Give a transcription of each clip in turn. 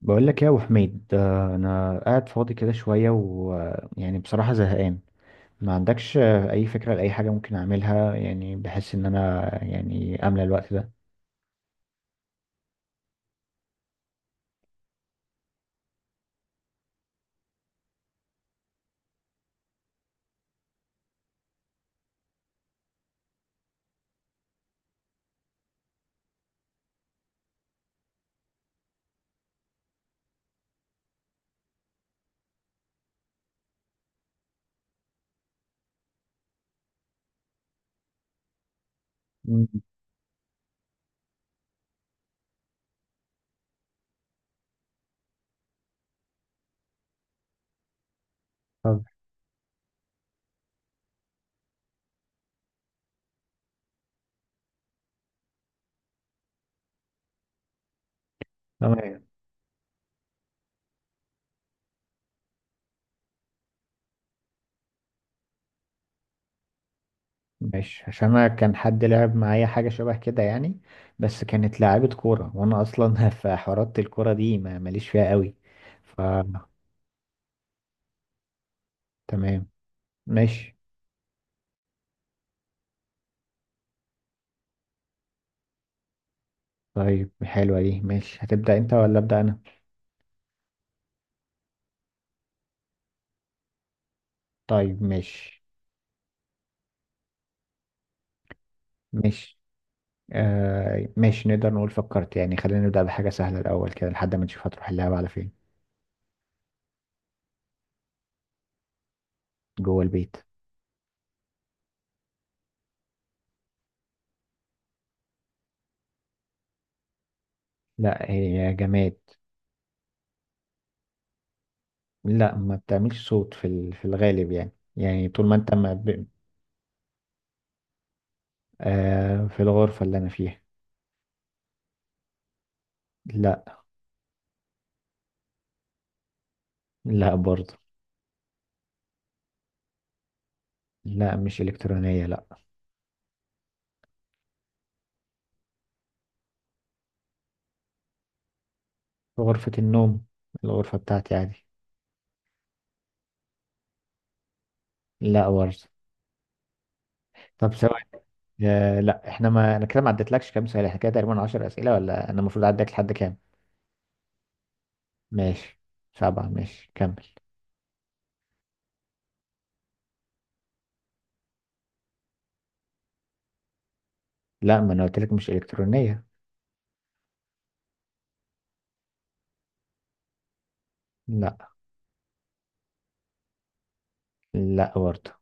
بقول لك إيه يا ابو حميد، انا قاعد فاضي كده شويه ويعني بصراحه زهقان. ما عندكش اي فكره لاي حاجه ممكن اعملها؟ يعني بحس ان انا املى الوقت ده. مم. طب تمام ماشي. عشان انا كان حد لعب معايا حاجه شبه كده يعني، بس كانت لعيبه كوره وانا اصلا في حوارات الكوره دي ما ماليش فيها قوي. ف تمام ماشي. طيب حلوه دي، ماشي، هتبدا انت ولا ابدا انا؟ طيب ماشي. ماشي آه ماشي، نقدر نقول فكرت. يعني خلينا نبدأ بحاجة سهلة الأول كده لحد ما نشوف هتروح اللعبة على فين. جوه البيت. لا هي جماد. لا ما بتعملش صوت في الغالب، يعني يعني طول ما انت ما ب... آه في الغرفة اللي أنا فيها. لا. لا برضه. لا مش إلكترونية لا. في غرفة النوم، الغرفة بتاعتي عادي. لا برضه. طب سواء، آه لا. احنا ما انا كده ما عدتلكش كام سؤال؟ احنا كده تقريبا 10 أسئلة ولا انا المفروض اعدك لحد كام؟ ماشي. سبعة ماشي كمل. لا ما انا قلت لك مش الكترونيه. لا. لا برضه.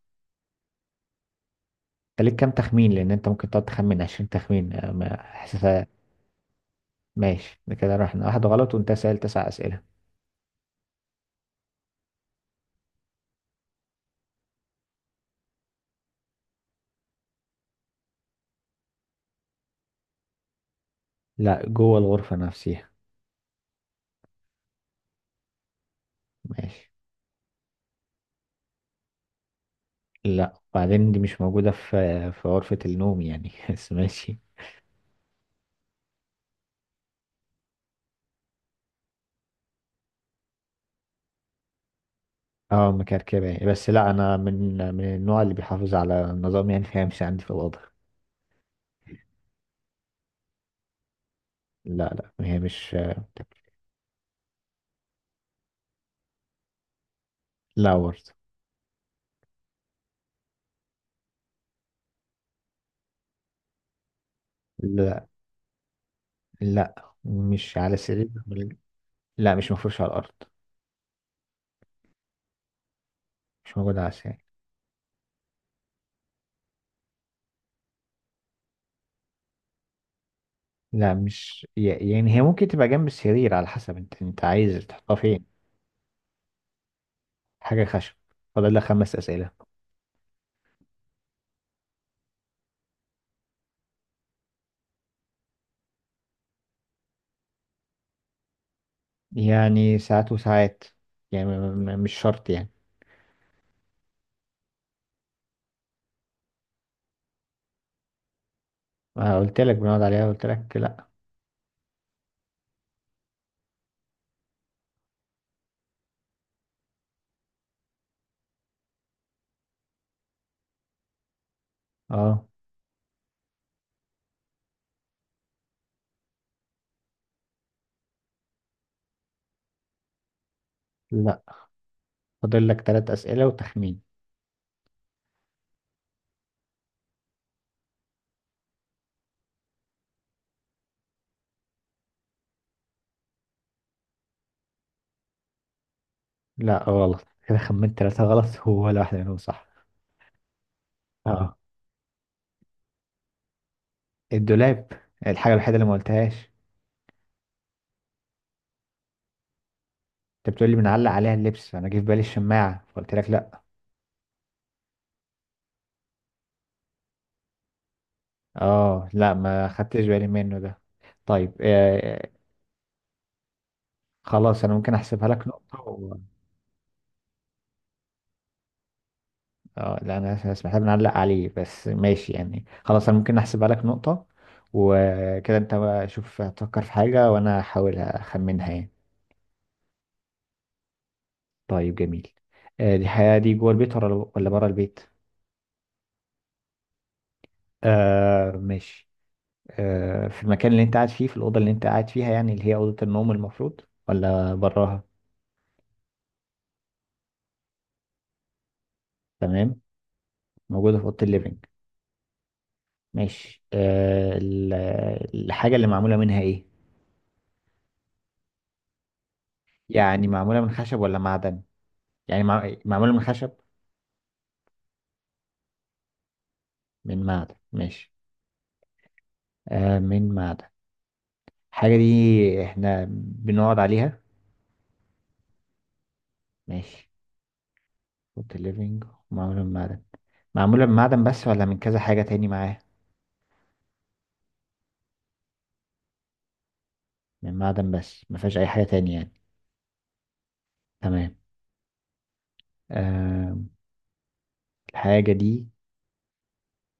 انت ليك كام تخمين؟ لان انت ممكن تقعد تخمن 20 تخمين. آه، ما حاسسها. ماشي، ده كده رحنا واحد غلط وانت سأل تسع اسئله. لا جوه الغرفه نفسها. ماشي. لا، وبعدين دي مش موجوده في غرفه النوم يعني بس ماشي. اه مكركبه، بس لا انا من النوع اللي بيحافظ على النظام يعني، فهي مش عندي في الاوضه. لا. لا هي مش آه،. لا برضه. لا. لا مش على السرير. لا مش مفروش على الارض. مش موجودة على السرير. لا مش يعني هي ممكن تبقى جنب السرير على حسب انت عايز تحطها فين. حاجة خشب. فاضل لك خمس أسئلة. يعني ساعات وساعات، يعني مش شرط يعني. ما قلت لك بنقعد عليها؟ قلت لك لا. اه. لا فاضل لك ثلاث أسئلة وتخمين. لا غلط كده، خمنت ثلاثة غلط ولا واحدة منهم صح. اه. الدولاب، الحاجة الوحيدة اللي ما قلتهاش. انت بتقول لي بنعلق عليها اللبس، انا جه في بالي الشماعة فقلت لك لا. اه لا، ما خدتش بالي منه ده. طيب آه. خلاص انا ممكن احسبها لك نقطة و... اه لا، انا اسمح لي بنعلق عليه. بس ماشي يعني، خلاص انا ممكن احسبها لك نقطة. وكده انت بقى شوف، هتفكر في حاجة وانا احاول اخمنها يعني. طيب جميل. آه دي حياة، دي جوه البيت ولا ولا بره البيت؟ آه ماشي. آه، في المكان اللي انت قاعد فيه؟ في الأوضة اللي انت قاعد فيها يعني، اللي هي أوضة النوم المفروض، ولا براها؟ تمام. موجودة في أوضة الليفينج. ماشي آه الحاجة اللي معمولة منها ايه؟ يعني معمولة من خشب ولا معدن؟ يعني معمولة من خشب؟ من معدن ماشي. آه من معدن، الحاجة دي احنا بنقعد عليها؟ ماشي. فوت الليفينج. معمولة من معدن. معمولة من معدن بس ولا من كذا حاجة تاني معاها؟ من معدن بس، ما فيهاش أي حاجة تاني يعني. تمام. آه الحاجة دي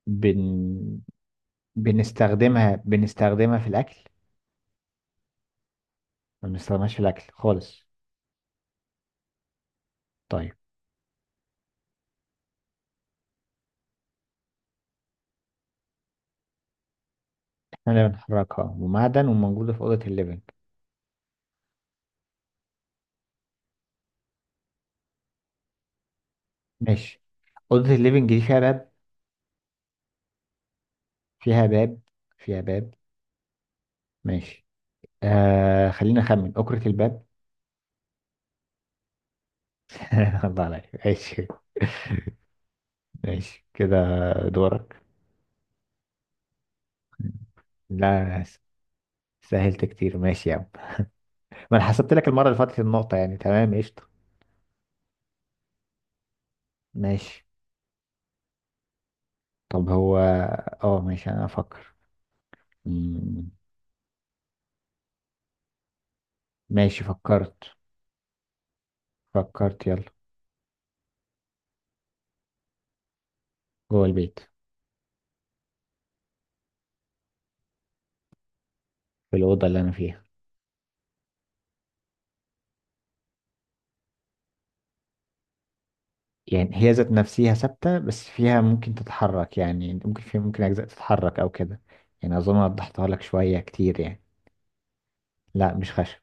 بن... بنستخدمها، بنستخدمها في الأكل؟ ما بنستخدمهاش في الأكل خالص. طيب. احنا اللي بنحركها ومعدن وموجودة في أوضة الليفينج. ماشي، أوضة الليفينج دي فيها باب؟ فيها باب. فيها باب. ماشي آه، خلينا أخمن أكرة الباب. الله عليك ماشي. ماشي كده. دورك. لا سهلت كتير ماشي يا عم. ما أنا حسبت لك المرة اللي فاتت النقطة يعني، تمام قشطة. ماشي. طب هو، اه ماشي أنا أفكر. مم، ماشي فكرت. فكرت يلا. جوه البيت. في الأوضة اللي أنا فيها. يعني هي ذات نفسها ثابتة، بس فيها ممكن تتحرك يعني، ممكن فيها ممكن أجزاء تتحرك أو كده. يعني أظن وضحتها لك شوية كتير يعني. لا مش خشب.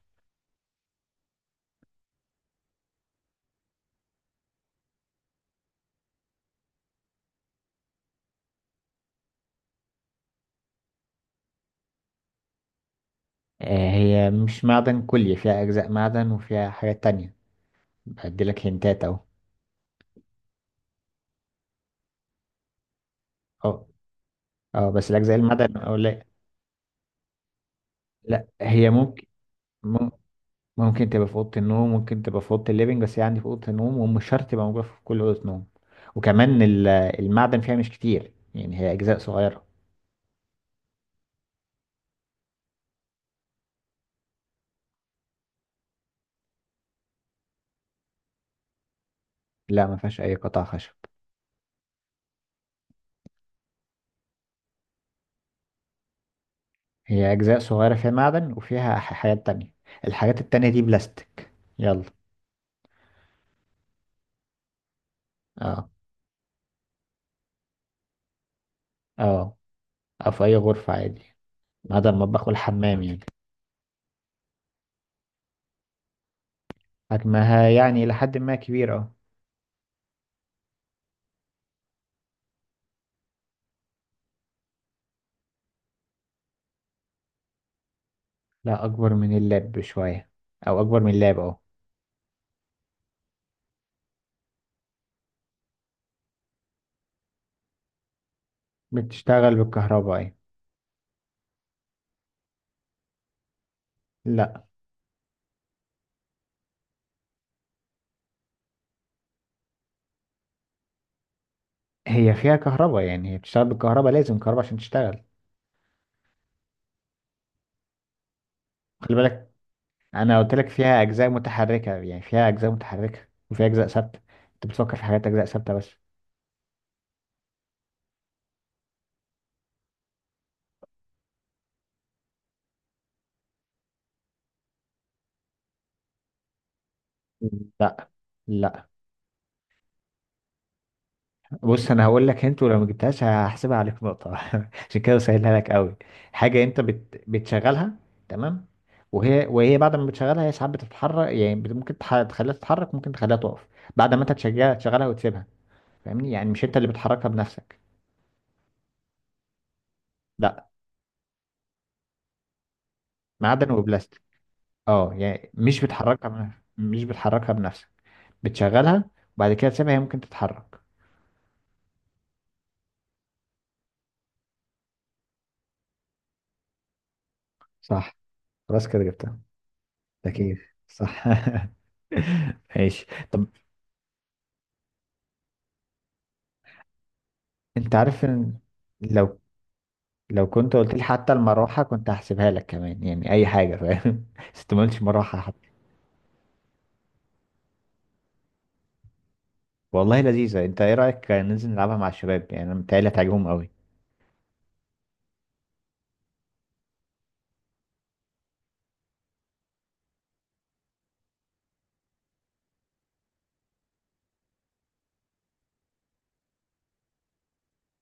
آه، هي مش معدن كلي، فيها أجزاء معدن وفيها حاجات تانية. بدي لك هنتات أهو. أه. أه بس الأجزاء المعدن أو لا. لا هي ممكن مم- ممكن تبقى في أوضة النوم، ممكن تبقى في أوضة الليفينج، بس هي عندي في أوضة النوم ومش شرط تبقى موجودة في كل أوضة نوم. وكمان المعدن فيها مش كتير يعني، هي أجزاء صغيرة. لا ما فيهاش أي قطع خشب. هي أجزاء صغيرة، فيها معدن وفيها حاجات تانية. الحاجات التانية دي بلاستيك. يلا. اه. اه، أو في أي غرفة عادي، ما عدا المطبخ والحمام يعني. حجمها يعني لحد ما كبير اه. لا أكبر من اللاب بشوية، أو أكبر من اللاب اه. بتشتغل بالكهرباء يعني. لا. هي فيها كهرباء يعني، هي بتشتغل بالكهرباء، لازم كهرباء عشان تشتغل. خلي بالك، أنا قلت لك فيها أجزاء متحركة يعني، فيها أجزاء متحركة وفيها أجزاء ثابتة، أنت بتفكر في حاجات أجزاء ثابتة بس. لا. لا. بص انا هقول لك انت، ولو ما جبتهاش هحسبها عليك نقطه عشان كده سهلها لك قوي. حاجه انت بتشغلها. تمام. وهي، وهي بعد ما بتشغلها هي ساعات بتتحرك يعني، ممكن تخليها تتحرك، ممكن تخليها تقف. بعد ما انت تشغلها، تشغلها وتسيبها، فاهمني يعني؟ مش انت اللي بتحركها بنفسك. لا. معدن وبلاستيك. اه يعني مش بتحركها بنفسك، مش بتحركها بنفسك. بتشغلها وبعد كده تسيبها، هي ممكن تتحرك. صح، خلاص كده جبتها. ده كيف صح. ماشي. طب انت عارف ان، لو لو كنت قلت لي حتى المروحه كنت هحسبها لك كمان يعني، اي حاجه فاهم بس انت ما قلتش مروحه حتى. والله لذيذه. انت ايه رايك ننزل نلعبها مع الشباب؟ يعني انا متهيألي هتعجبهم قوي.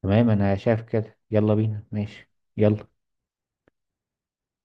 تمام انا شايف كده، يلا بينا ماشي. يلا.